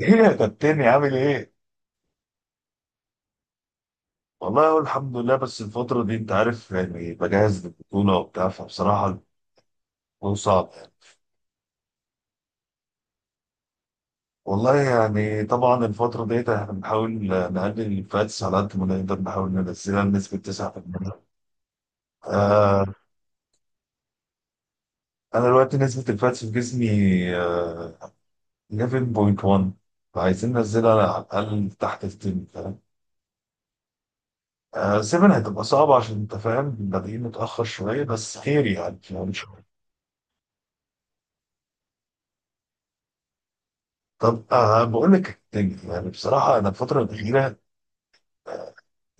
ايه يا كابتن عامل ايه؟ والله اقول الحمد لله، بس الفترة دي انت عارف، يعني بجهز للبطولة وبتاع، فبصراحة الموضوع صعب. والله يعني طبعا الفترة ديت احنا بنحاول نقلل الفاتس على قد ما نقدر، نحاول ننزلها لنسبة 9%. آه، انا دلوقتي نسبة الفاتس في جسمي آه 11.1. فعايزين ننزلها على الأقل تحت ال 10، فاهم؟ آه، 7 هتبقى صعبة عشان انت فاهم، بادئين متأخر شوية بس خير يعني، فاهم؟ طب بقول لك، يعني بصراحه انا الفتره الاخيره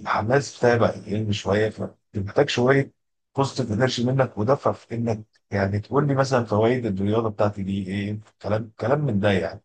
الحماس بتاعي بقى يقل شويه، فمحتاج شويه بوزيتيف انرجي منك ودفع في انك، يعني تقول لي مثلا فوائد الرياضه بتاعتي دي ايه، كلام كلام من ده يعني.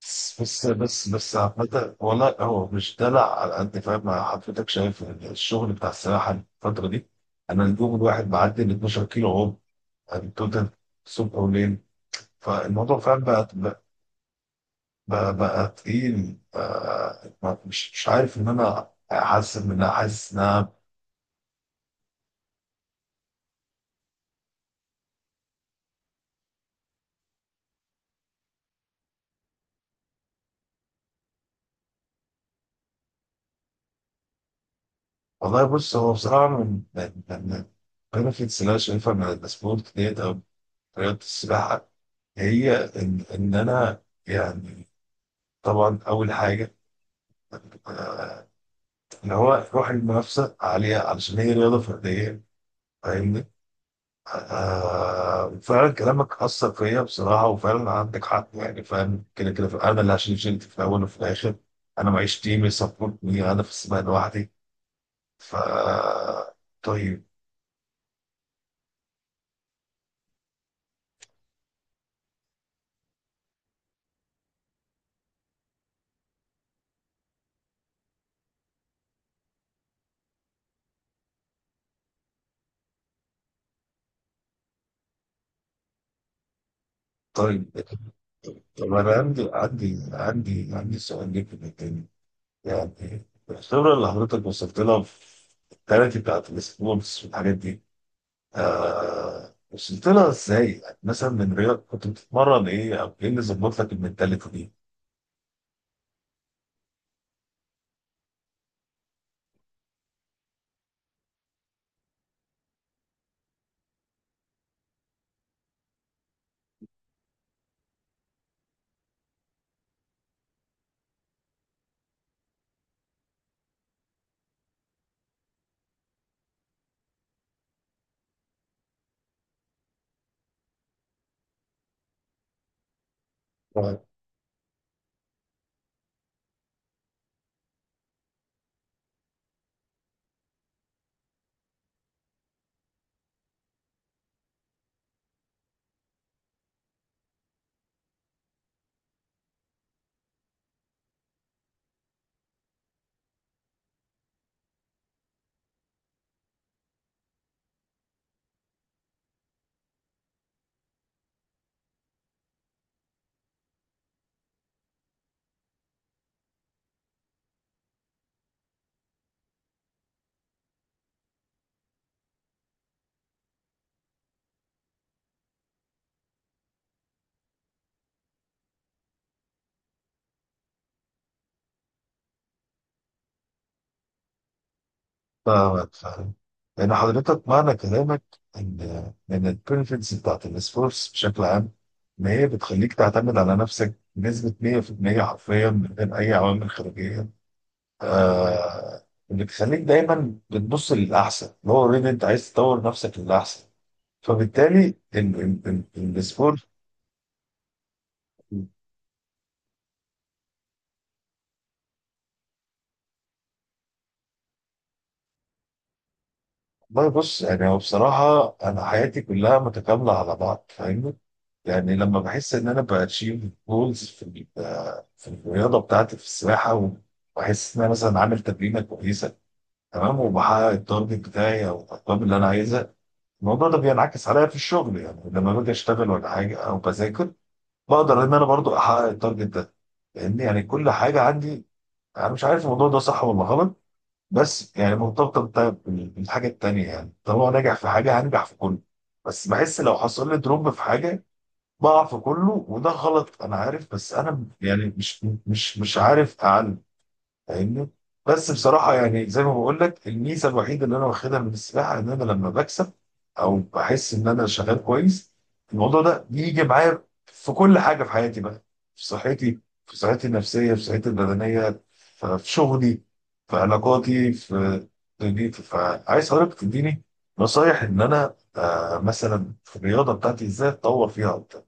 بس بس بس بس عامة، والله هو مش دلع على قد فاهم. مع حضرتك شايف الشغل بتاع السباحه الفتره دي، انا اليوم الواحد بعدي ال 12 كيلو عوم، يعني توتال، الصبح وليل. فالموضوع فاهم بقى. بقى تقيل بقى، مش عارف ان انا احسن منها، حاسس انها. والله بص، هو بصراحه من البنفيتس اللي انا شايفها من السبورت ديت، او رياضه السباحه، هي ان انا يعني طبعا اول حاجه، آه، اللي هو روح المنافسه عليها علشان هي رياضه فرديه، فاهمني. آه، فعلا كلامك أثر فيا بصراحة، وفعلا عندك حق يعني، فاهم كده كده. أنا اللي هشيل شيلتي في الأول وفي الآخر، أنا معيش تيم يسبورتني، أنا في السباق لوحدي. ف طيب، طيب. طب أنا عندي سؤال ليك في التاني، يعني الخبرة اللي حضرتك وصلت لها في التالتي بتاعت السبورتس والحاجات دي، آه وصلت لها إزاي؟ يعني مثلا من رياضة كنت بتتمرن إيه، أو إيه اللي ظبط لك المنتاليتي دي؟ فاهمك فاهم، لأن حضرتك معنى كلامك إن إن البنفيتس بتاعت السبورتس بشكل عام، إن هي بتخليك تعتمد على نفسك بنسبة 100% حرفيا من غير أي عوامل خارجية. آه، اللي بتخليك دايما بتبص للأحسن، اللي هو أوريدي أنت عايز تطور نفسك للأحسن. فبالتالي ال- السبورت. والله بص، يعني هو بصراحة أنا حياتي كلها متكاملة على بعض، فاهمني. يعني لما بحس ان انا باتشيف جولز في الرياضه بتاعتي في السباحه، وبحس ان انا مثلا عامل تمرينه كويسه، تمام، وبحقق التارجت بتاعي او الارقام اللي انا عايزها، الموضوع ده بينعكس عليا في الشغل، يعني لما باجي اشتغل ولا حاجه او بذاكر، بقدر ان انا برضو احقق التارجت ده، لان يعني كل حاجه عندي، انا مش عارف الموضوع ده صح ولا غلط، بس يعني مرتبطه بالحاجه التانيه، يعني طالما ناجح في حاجه هنجح في كله. بس بحس لو حصل لي دروب في حاجه، بقع في كله، وده غلط انا عارف، بس انا يعني مش عارف اعلم، فاهمني. بس بصراحه يعني زي ما بقول لك، الميزه الوحيده اللي انا واخدها من السباحه ان انا لما بكسب او بحس ان انا شغال كويس، الموضوع ده بيجي معايا في كل حاجه في حياتي بقى، في صحتي، في صحتي النفسيه، في صحتي البدنيه، في شغلي، في علاقاتي، في دنيتي، فعايز حضرتك تديني نصايح ان انا مثلا في الرياضه بتاعتي ازاي اتطور فيها اكتر.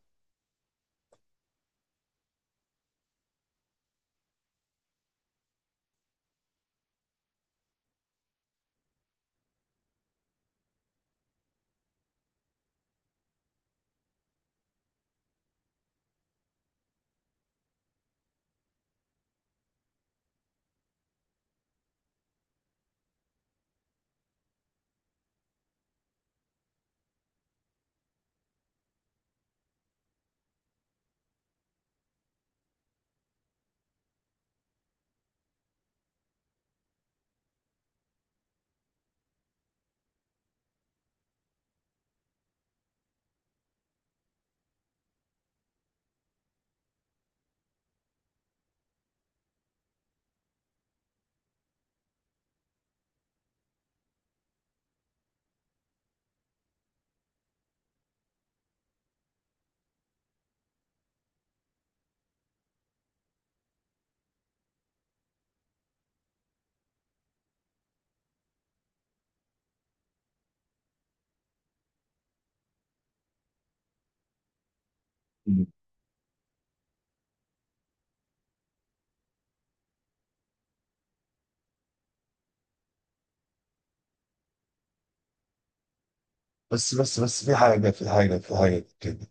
بس بس بس، في حاجة كده،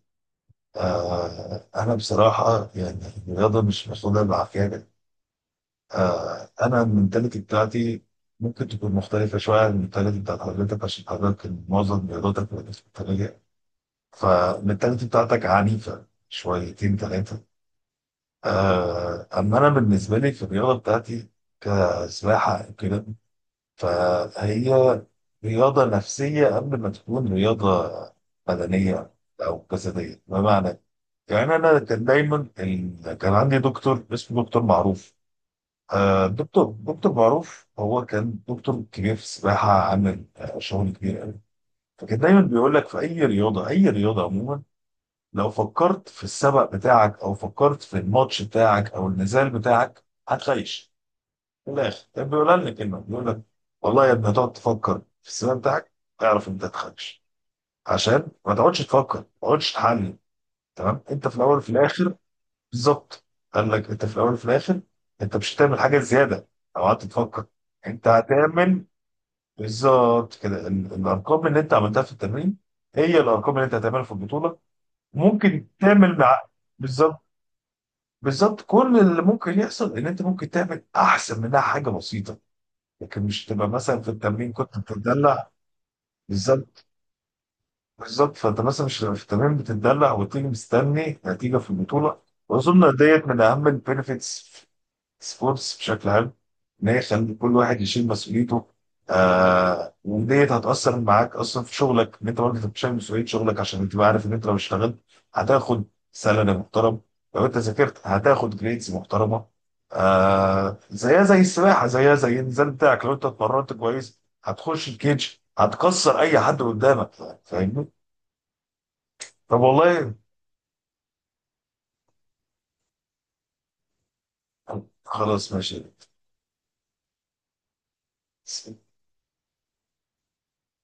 آه أنا بصراحة يعني الرياضة مش محسوبة بالعافية. آه أنا المنتاليتي بتاعتي ممكن تكون مختلفة شوية عن المنتاليتي بتاعت حضرتك عشان حضرتك معظم رياضتك مختلفة، فالمنتاليتي بتاعتك عنيفة شويتين ثلاثة. آه، أما أنا بالنسبة لي في الرياضة بتاعتي، كسباحة أو كده، فهي رياضة نفسية قبل ما تكون رياضة بدنية أو جسدية. بمعنى، يعني انا كان دايما كان عندي دكتور اسمه دكتور معروف. آه، دكتور معروف هو كان دكتور كبير في السباحه، عامل شغل كبير قوي. فكان دايما بيقول لك في اي رياضه اي رياضه عموما، لو فكرت في السبق بتاعك او فكرت في الماتش بتاعك او النزال بتاعك، هتخيش. من الاخر كان بيقول لنا كلمه، بيقول لك والله يا ابني هتقعد تفكر في السباق بتاعك، اعرف انت هتخيش. عشان ما تقعدش تفكر، ما تقعدش تحلل. تمام، انت في الاول وفي الاخر. بالظبط. قال لك انت في الاول وفي الاخر، انت مش هتعمل حاجه زياده او قعدت تفكر، انت هتعمل. بالظبط كده، الارقام اللي انت عملتها في التمرين هي الارقام اللي انت هتعملها في البطوله. ممكن تعمل مع، بالظبط، بالظبط كل اللي ممكن يحصل ان انت ممكن تعمل احسن منها حاجه بسيطه، لكن مش تبقى مثلا في التمرين كنت بتتدلع. بالظبط. بالظبط، فانت مثلا مش هتبقى في التمرين بتتدلع وتيجي مستني نتيجه في البطوله. واظن ديت من اهم البينفيتس سبورتس بشكل عام، ان هي تخلي كل واحد يشيل مسؤوليته. آه وديت هتأثر معاك اصلا في شغلك، ان انت برضه بتشيل مسؤولية شغلك، عشان انت عارف ان انت لو اشتغلت هتاخد سالري محترم، لو انت ذاكرت هتاخد جريدز محترمة، آه زيها زي السباحة، زيها زي النزال بتاعك، لو انت اتمرنت كويس هتخش الكيج، هتكسر اي حد قدامك، فاهمني؟ طب والله، خلاص ماشي.